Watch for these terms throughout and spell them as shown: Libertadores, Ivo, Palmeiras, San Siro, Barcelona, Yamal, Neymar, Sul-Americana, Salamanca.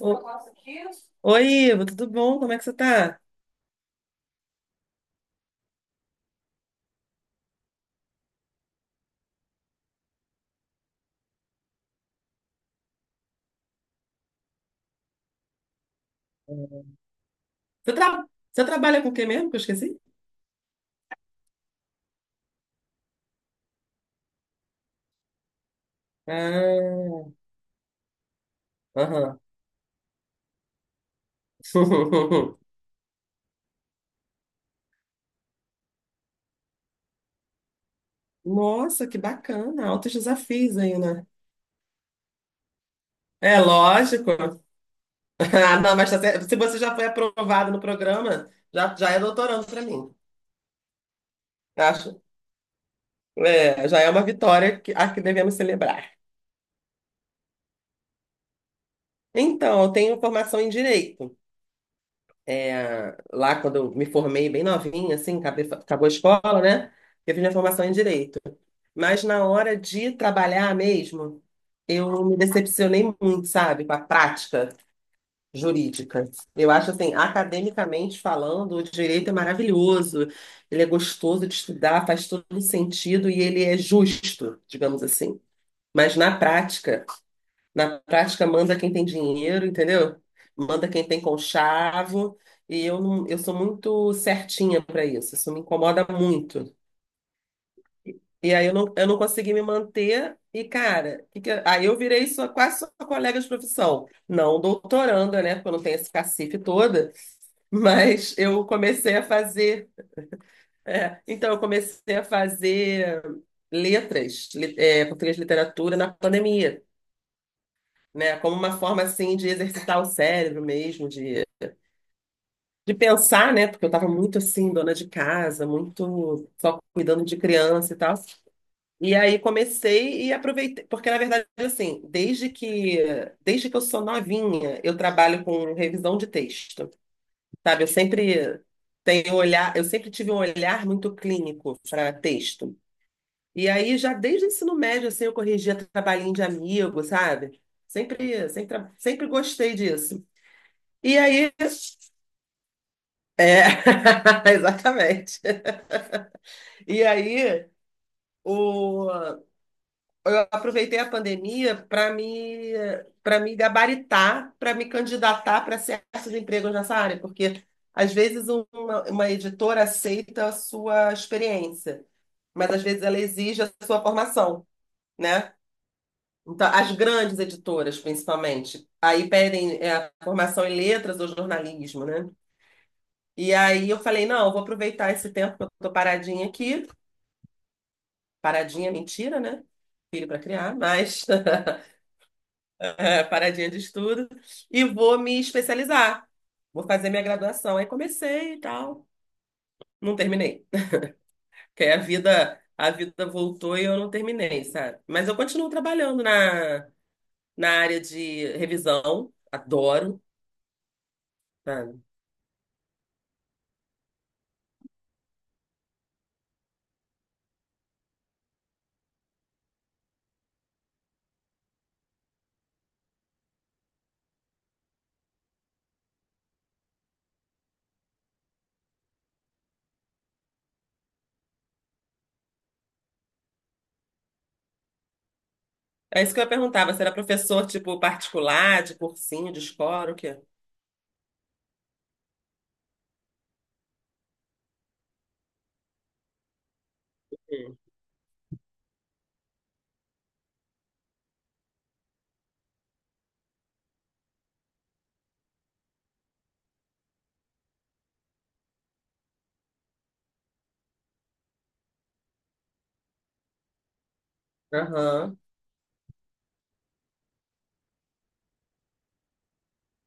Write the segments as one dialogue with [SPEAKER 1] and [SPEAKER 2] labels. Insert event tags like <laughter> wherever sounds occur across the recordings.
[SPEAKER 1] O- Oi, Ivo, tudo bom? Como é que você tá? Você, Você trabalha com o que mesmo? Que eu esqueci? Ah, aham. <laughs> Nossa, que bacana. Altos desafios aí, né? É lógico. <laughs> Ah, não, mas tá certo. Se você já foi aprovado no programa, já é doutorando para mim. Acho. É, já é uma vitória a que devemos celebrar. Então, eu tenho formação em direito. É, lá, quando eu me formei bem novinha, assim, acabou a escola, né? Eu fiz minha formação em direito. Mas na hora de trabalhar mesmo, eu me decepcionei muito, sabe, com a prática jurídica. Eu acho assim, academicamente falando, o direito é maravilhoso, ele é gostoso de estudar, faz todo sentido e ele é justo, digamos assim. Mas na prática manda quem tem dinheiro, entendeu? Manda quem tem conchavo, e eu não, eu sou muito certinha para isso, isso me incomoda muito. E aí eu não consegui me manter e, cara, aí eu virei sua, quase sua colega de profissão. Não doutoranda, né? Porque eu não tenho esse cacife todo. Mas eu comecei a fazer. É, então, eu comecei a fazer letras, português de literatura na pandemia, né? Como uma forma, assim, de exercitar o cérebro mesmo, de pensar, né? Porque eu estava muito, assim, dona de casa, muito só cuidando de criança e tal. E aí comecei e aproveitei, porque, na verdade, assim, desde que eu sou novinha, eu trabalho com revisão de texto. Sabe, eu sempre tenho um olhar, eu sempre tive um olhar muito clínico para texto. E aí, já desde o ensino médio, assim, eu corrigia trabalhinho de amigo, sabe? Sempre, sempre, sempre gostei disso. E aí, é, <laughs> exatamente. E aí, o, eu aproveitei a pandemia para me gabaritar, para me candidatar para certos empregos nessa área, porque às vezes uma editora aceita a sua experiência, mas às vezes ela exige a sua formação, né? Então, as grandes editoras, principalmente, aí pedem é, a formação em letras ou jornalismo, né? E aí eu falei, não, eu vou aproveitar esse tempo que eu tô paradinha aqui, paradinha é mentira, né? Filho para criar, mas <laughs> é, paradinha de estudo, e vou me especializar. Vou fazer minha graduação. Aí comecei e tal. Não terminei. Porque aí a vida voltou e eu não terminei, sabe? Mas eu continuo trabalhando na área de revisão. Adoro, sabe? É isso que eu perguntava. Será professor, tipo, particular, de cursinho, de escola, o quê? Hum. Aham.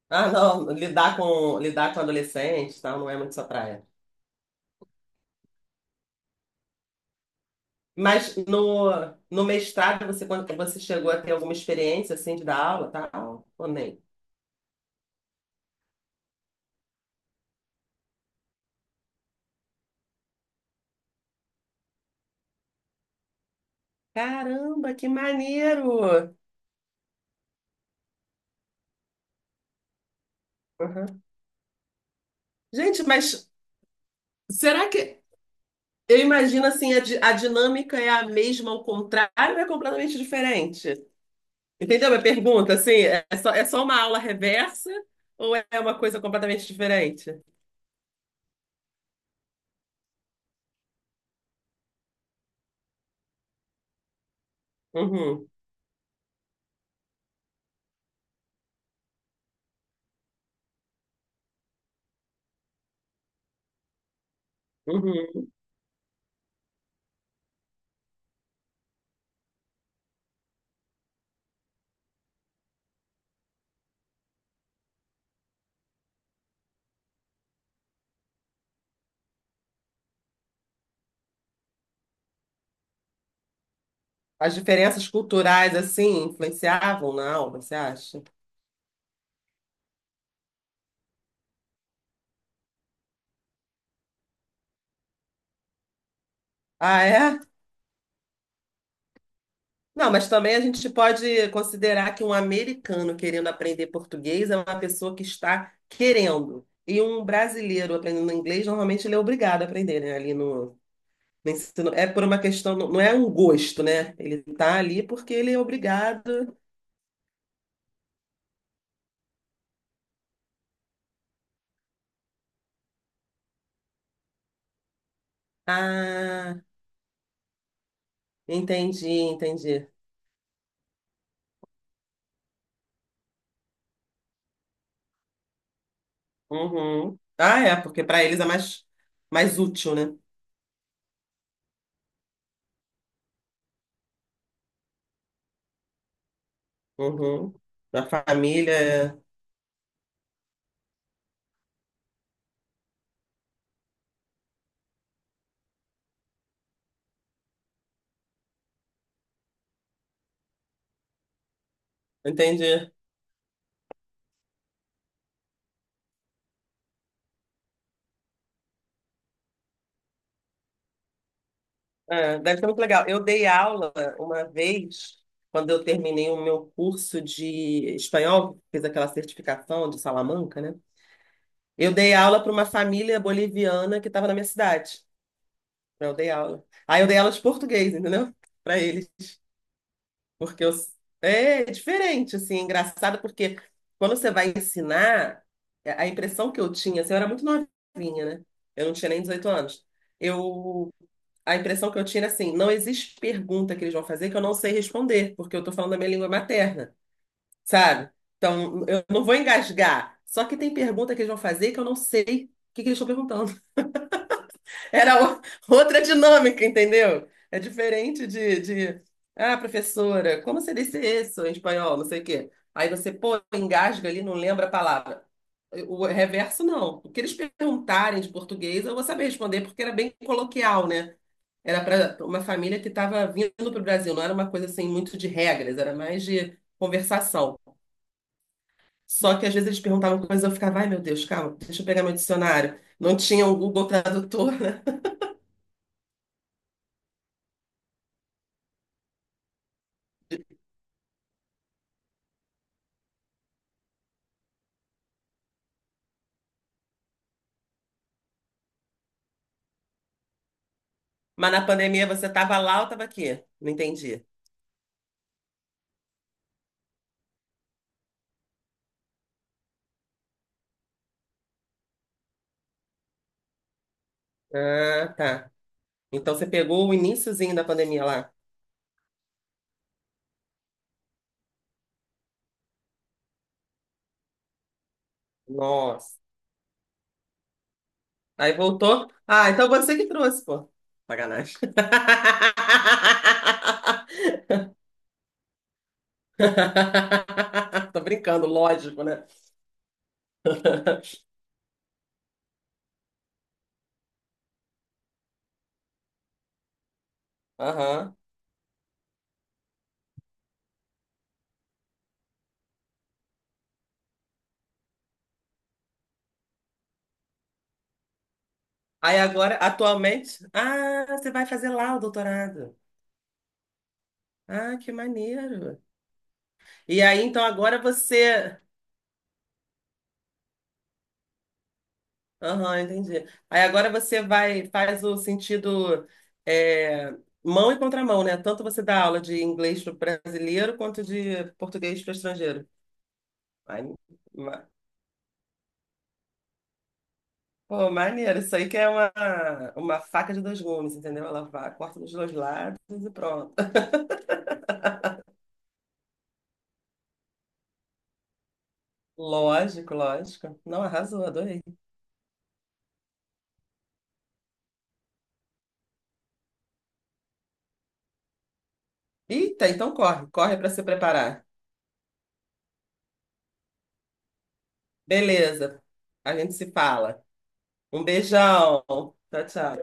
[SPEAKER 1] Ah, não. Lidar com adolescentes, e tal, não é muito sua praia. Mas no mestrado, quando você chegou a ter alguma experiência assim de dar aula, tal, ou nem? Caramba, que maneiro! Uhum. Gente, mas será que eu imagino assim, a dinâmica é a mesma ao contrário ou é completamente diferente? Entendeu a minha pergunta? Assim, é só uma aula reversa ou é uma coisa completamente diferente? Uhum, uhum. As diferenças culturais assim influenciavam na aula, você acha? Ah, é? Não, mas também a gente pode considerar que um americano querendo aprender português é uma pessoa que está querendo. E um brasileiro aprendendo inglês, normalmente ele é obrigado a aprender, né? Ali no ensino. É por uma questão, não é um gosto, né? Ele está ali porque ele é obrigado a. Entendi, entendi. Uhum. Ah, é, porque para eles mais útil, né? Uhum. Da família. Entendi. É, deve ser muito legal. Eu dei aula uma vez, quando eu terminei o meu curso de espanhol, fiz aquela certificação de Salamanca, né? Eu dei aula para uma família boliviana que estava na minha cidade. Então, eu dei aula. Aí eu dei aula de português, entendeu? Para eles. Porque eu... é diferente, assim, é engraçado, porque quando você vai ensinar, é, a impressão que eu tinha, assim, eu era muito novinha, né? Eu não tinha nem 18 anos. Eu A impressão que eu tiro é assim, não existe pergunta que eles vão fazer que eu não sei responder, porque eu estou falando a minha língua materna, sabe? Então, eu não vou engasgar. Só que tem pergunta que eles vão fazer que eu não sei o que que eles estão perguntando. <laughs> Era o- Outra dinâmica, entendeu? É diferente de, ah, professora, como você disse isso em espanhol, não sei o quê. Aí você, pô, engasga ali, não lembra a palavra. O reverso, não. O que eles perguntarem de português, eu vou saber responder, porque era bem coloquial, né? Era para uma família que estava vindo para o Brasil, não era uma coisa assim muito de regras, era mais de conversação. Só que às vezes eles perguntavam coisas, eu ficava, ai meu Deus, calma, deixa eu pegar meu dicionário. Não tinha o Google Tradutor, né? Mas na pandemia você estava lá ou estava aqui? Não entendi. Ah, tá. Então você pegou o iniciozinho da pandemia lá. Nossa. Aí voltou. Ah, então você que trouxe, pô. Sacanagem. <laughs> Tô brincando, lógico, né? <laughs> Aham. Aí agora, atualmente, ah, você vai fazer lá o doutorado. Ah, que maneiro. E aí, então, agora você. Aham, entendi. Aí agora você vai, faz o sentido é, mão e contramão, né? Tanto você dá aula de inglês para brasileiro quanto de português para estrangeiro. Ai, ma- Pô, maneiro. Isso aí que é uma faca de dois gumes, entendeu? Ela vai, corta dos dois lados e pronto. <laughs> Lógico, lógico. Não, arrasou, adorei. Eita, então corre, corre para se preparar. Beleza, a gente se fala. Um beijão. Tchau, tchau.